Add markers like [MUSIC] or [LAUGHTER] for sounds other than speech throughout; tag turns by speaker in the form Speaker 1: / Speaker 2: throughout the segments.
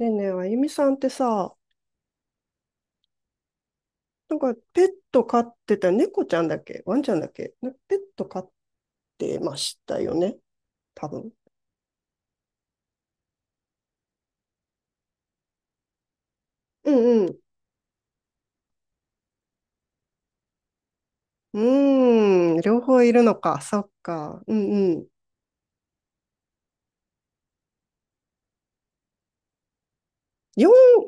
Speaker 1: ねえねえ、あゆみさんってさ、なんかペット飼ってた、猫ちゃんだっけワンちゃんだっけなペット飼ってましたよね多分。うんうん。うーん、両方いるのか。そっか。うんうん。4、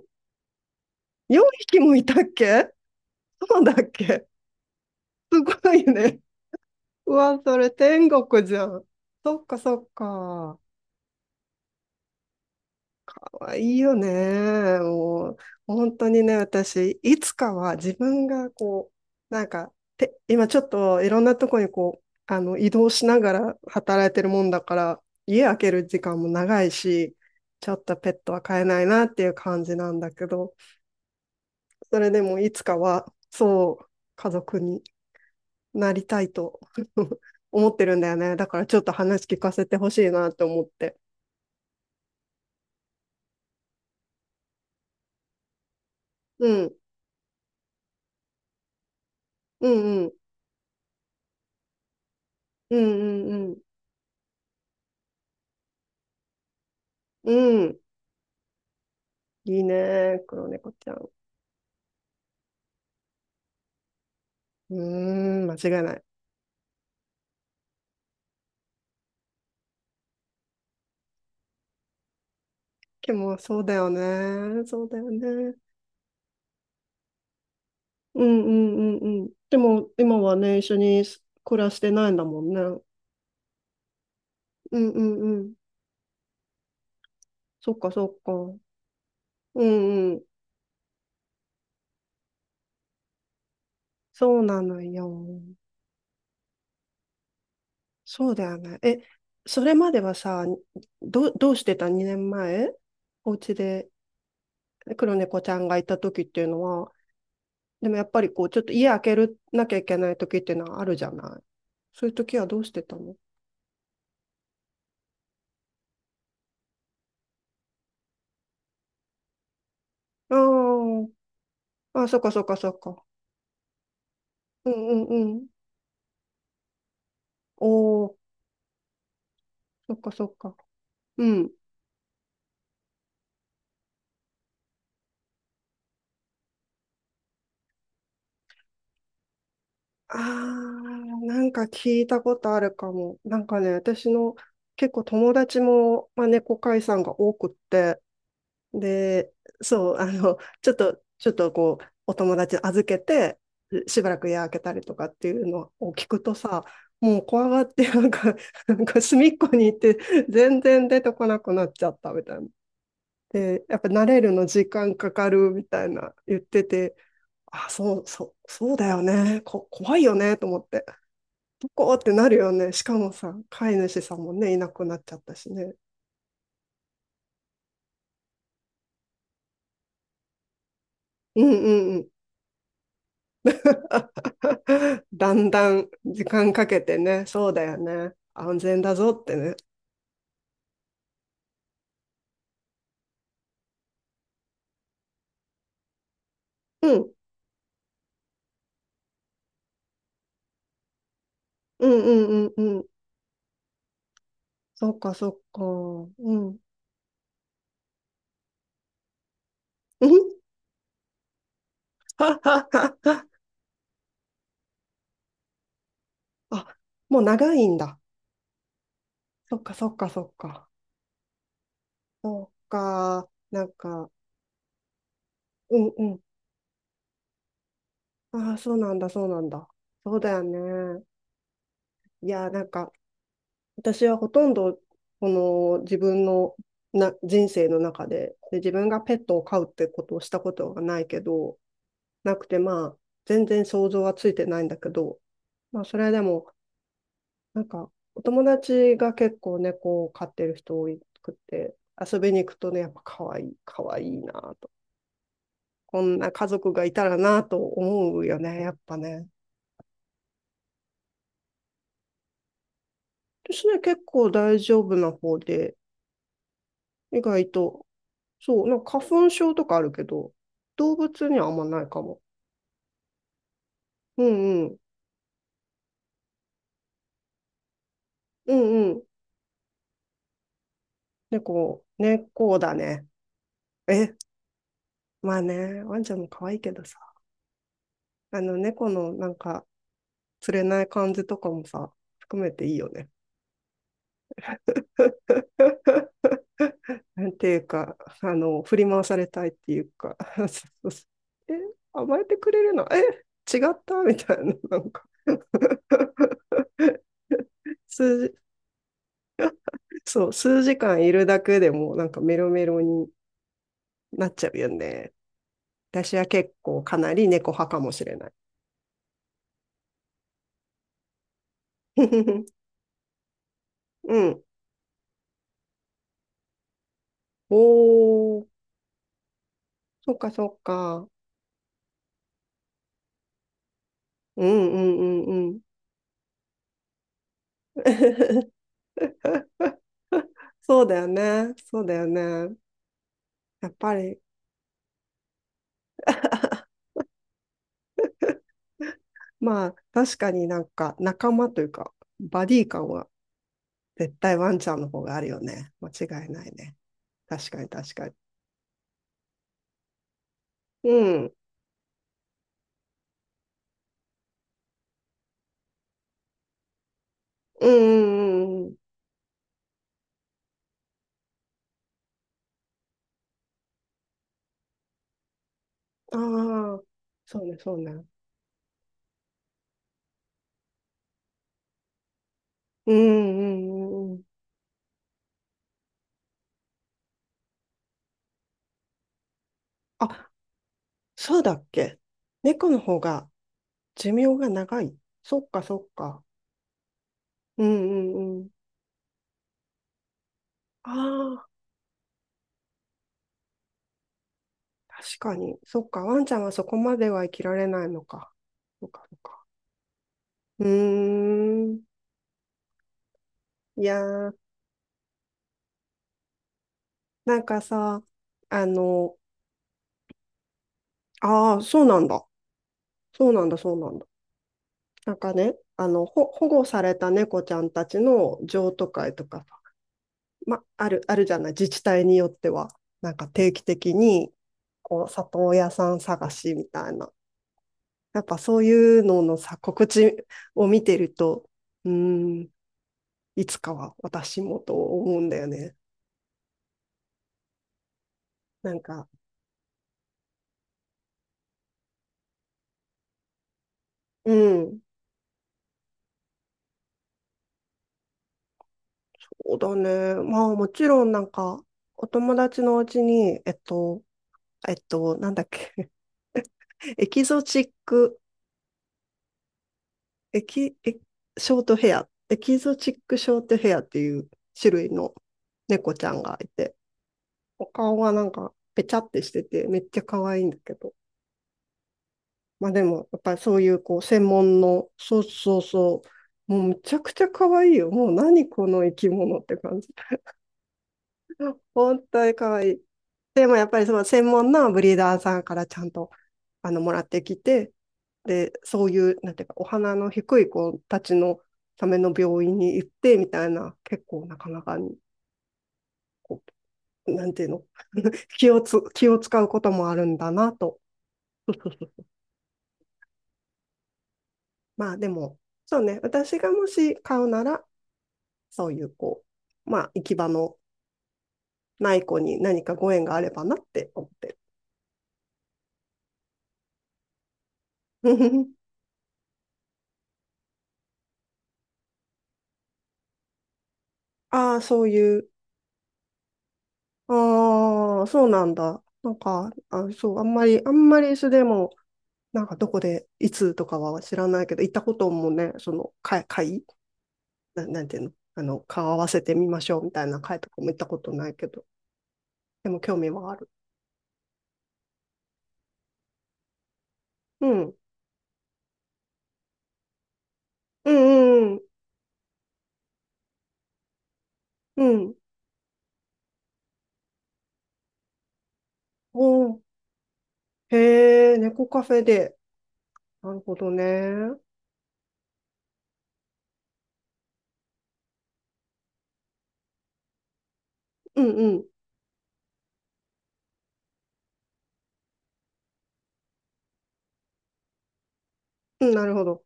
Speaker 1: 4匹もいたっけ？そうだっけ？すごいね。うわ、それ天国じゃん。そっかそっか。わいいよね。もう、本当にね、私、いつかは自分が今ちょっといろんなとこにこう、移動しながら働いてるもんだから、家開ける時間も長いし、ちょっとペットは飼えないなっていう感じなんだけど、それでもいつかは、そう、家族になりたいと [LAUGHS] 思ってるんだよね。だからちょっと話聞かせてほしいなって思って。うん、うん、うん、うん、うん、うん。うん、いいね、黒猫ちゃん。うーん、間違いない。でも、そうだよね。そうだよね。うんうんうんうん。でも、今はね、一緒に暮らしてないんだもんね。うんうんうん。そっかそっか。うんうん。そうなのよ。そうだよね。え、それまではさ、ど、どうしてた2年前？お家で黒猫ちゃんがいた時っていうのは、でもやっぱりこう、ちょっと家開けるなきゃいけない時っていうのはあるじゃない。そういう時はどうしてたの？ああ、あ、そっかそっかそっか。うんうんうん。おお、そっかそっか。うん。ああ、なんか聞いたことあるかも。なんかね、私の結構友達も、まあ、猫飼いさんが多くって、で、そう、[LAUGHS] ちょっと、ちょっとこう、お友達預けて、しばらく家開けたりとかっていうのを聞くとさ、もう怖がって、なんか、[LAUGHS] なんか隅っこに行って、全然出てこなくなっちゃったみたいな。で、やっぱ慣れるの時間かかるみたいな言ってて、あ、そう、そう、そうだよね。こ、怖いよね、と思って。どこってなるよね。しかもさ、飼い主さんもね、いなくなっちゃったしね。うんうんうん。[LAUGHS] だんだん時間かけてね、そうだよね。安全だぞってね。うん、うんうんうんうん。そっかそっか。うん。うん [LAUGHS] あ、もう長いんだ。そっかそっかそっか。そっか。なんか、うんうん。ああ、そうなんだ、そうなんだ。そうだよね。いや、なんか、私はほとんど、この自分のな人生の中でで、自分がペットを飼うってことをしたことがないけど、なくて、まあ、全然想像はついてないんだけど、まあ、それでも、なんか、お友達が結構猫を飼ってる人多くて、遊びに行くとね、やっぱ可愛い、可愛いなと。こんな家族がいたらなと思うよね、やっぱね。ですね、結構大丈夫な方で、意外と、そう、なんか花粉症とかあるけど、動物にはあんまないかも。うんうん、うんうん。猫だね。え、まあね、ワンちゃんも可愛いけどさ、あの猫のなんか、釣れない感じとかもさ、含めていいよね。なんていうか、振り回されたいっていうか、[LAUGHS] そうそうそう、え、甘えてくれるのえ、違ったみたいな、なんか [LAUGHS] 数、そう、数時間いるだけでもなんかメロメロになっちゃうよね。私は結構かなり猫派かもしれない。[LAUGHS] うん。おー、そっかそっか。うんうんうんうん。[LAUGHS] そうだよね。そうだよね。やっぱり、[LAUGHS] まあ確かになんか仲間というか、バディ感は絶対ワンちゃんの方があるよね。間違いないね。確かに確かに。うん。うんうんうんうん。ああ、そうねそうね。うんうんうんうん。あ、そうだっけ？猫の方が寿命が長い？そっかそっか。うんうんうん。ああ、確かに。そっか。ワンちゃんはそこまでは生きられないのか。そっかそっか。うーん。いやー、なんかさ、あの、ああ、そうなんだ。そうなんだ、そうなんだ。なんかね、ほ、保護された猫ちゃんたちの譲渡会とか、ま、ある、あるじゃない、自治体によっては。なんか定期的に、こう、里親さん探しみたいな。やっぱそういうののさ、告知を見てると、うーん、いつかは私もと思うんだよね。なんか、うん、そうだね。まあもちろんなんか、お友達のうちに、なんだっけ、[LAUGHS] エキゾチックエキ、エキショートヘア、エキゾチックショートヘアっていう種類の猫ちゃんがいて、お顔がなんかぺちゃってしてて、めっちゃ可愛いんだけど。まあでも、やっぱりそういうこう専門の、そうそうそう、もうむちゃくちゃ可愛いよ。もう何この生き物って感じ。[LAUGHS] 本当に可愛い。でもやっぱりその専門のブリーダーさんからちゃんとあのもらってきて、で、そういう、なんていうか、お花の低い子たちのための病院に行ってみたいな、結構なかなかに、こう、なんていうの、[LAUGHS] 気をつ、気を使うこともあるんだなと。まあでも、そうね、私がもし買うなら、そういうこう、まあ行き場のない子に何かご縁があればなって思ってる。[LAUGHS] ああ、そういう、ああ、そうなんだ。なんか、あ、そう、あんまり、あんまりそでも、なんかどこで、いつとかは知らないけど、行ったこともね、その会、会、な、なんていうの、顔合わせてみましょうみたいな会とかも行ったことないけど、でも興味はある。うん。うんうんうん。うん。おー、へえ、猫カフェで。なるほどね。うんうん。うん、なるほど。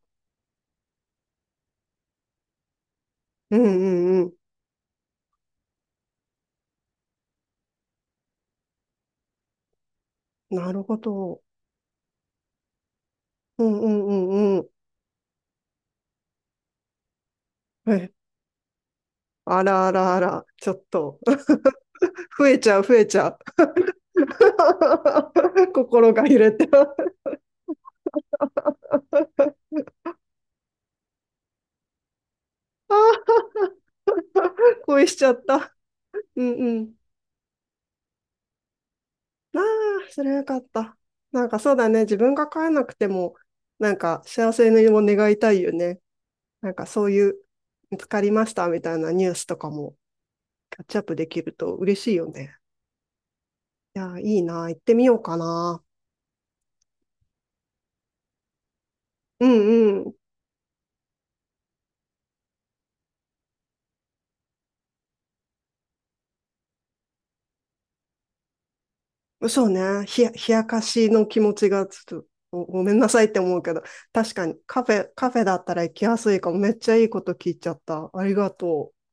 Speaker 1: うんうんうん。なるほど。うんうんうんうん。え、あらあらあら、ちょっと。増えちゃう [LAUGHS]。心が揺れて [LAUGHS]。ああ、恋しちゃった。うんうん。ああ、それはよかった。なんかそうだね。自分が帰えなくても、なんか幸せにも願いたいよね。なんかそういう、見つかりましたみたいなニュースとかもキャッチアップできると嬉しいよね。いやー、いいな。行ってみようかな。うんうん。そうね。ひや、冷やかしの気持ちがちょっとご、ごめんなさいって思うけど、確かにカフェだったら行きやすいかも。めっちゃいいこと聞いちゃった。ありがとう。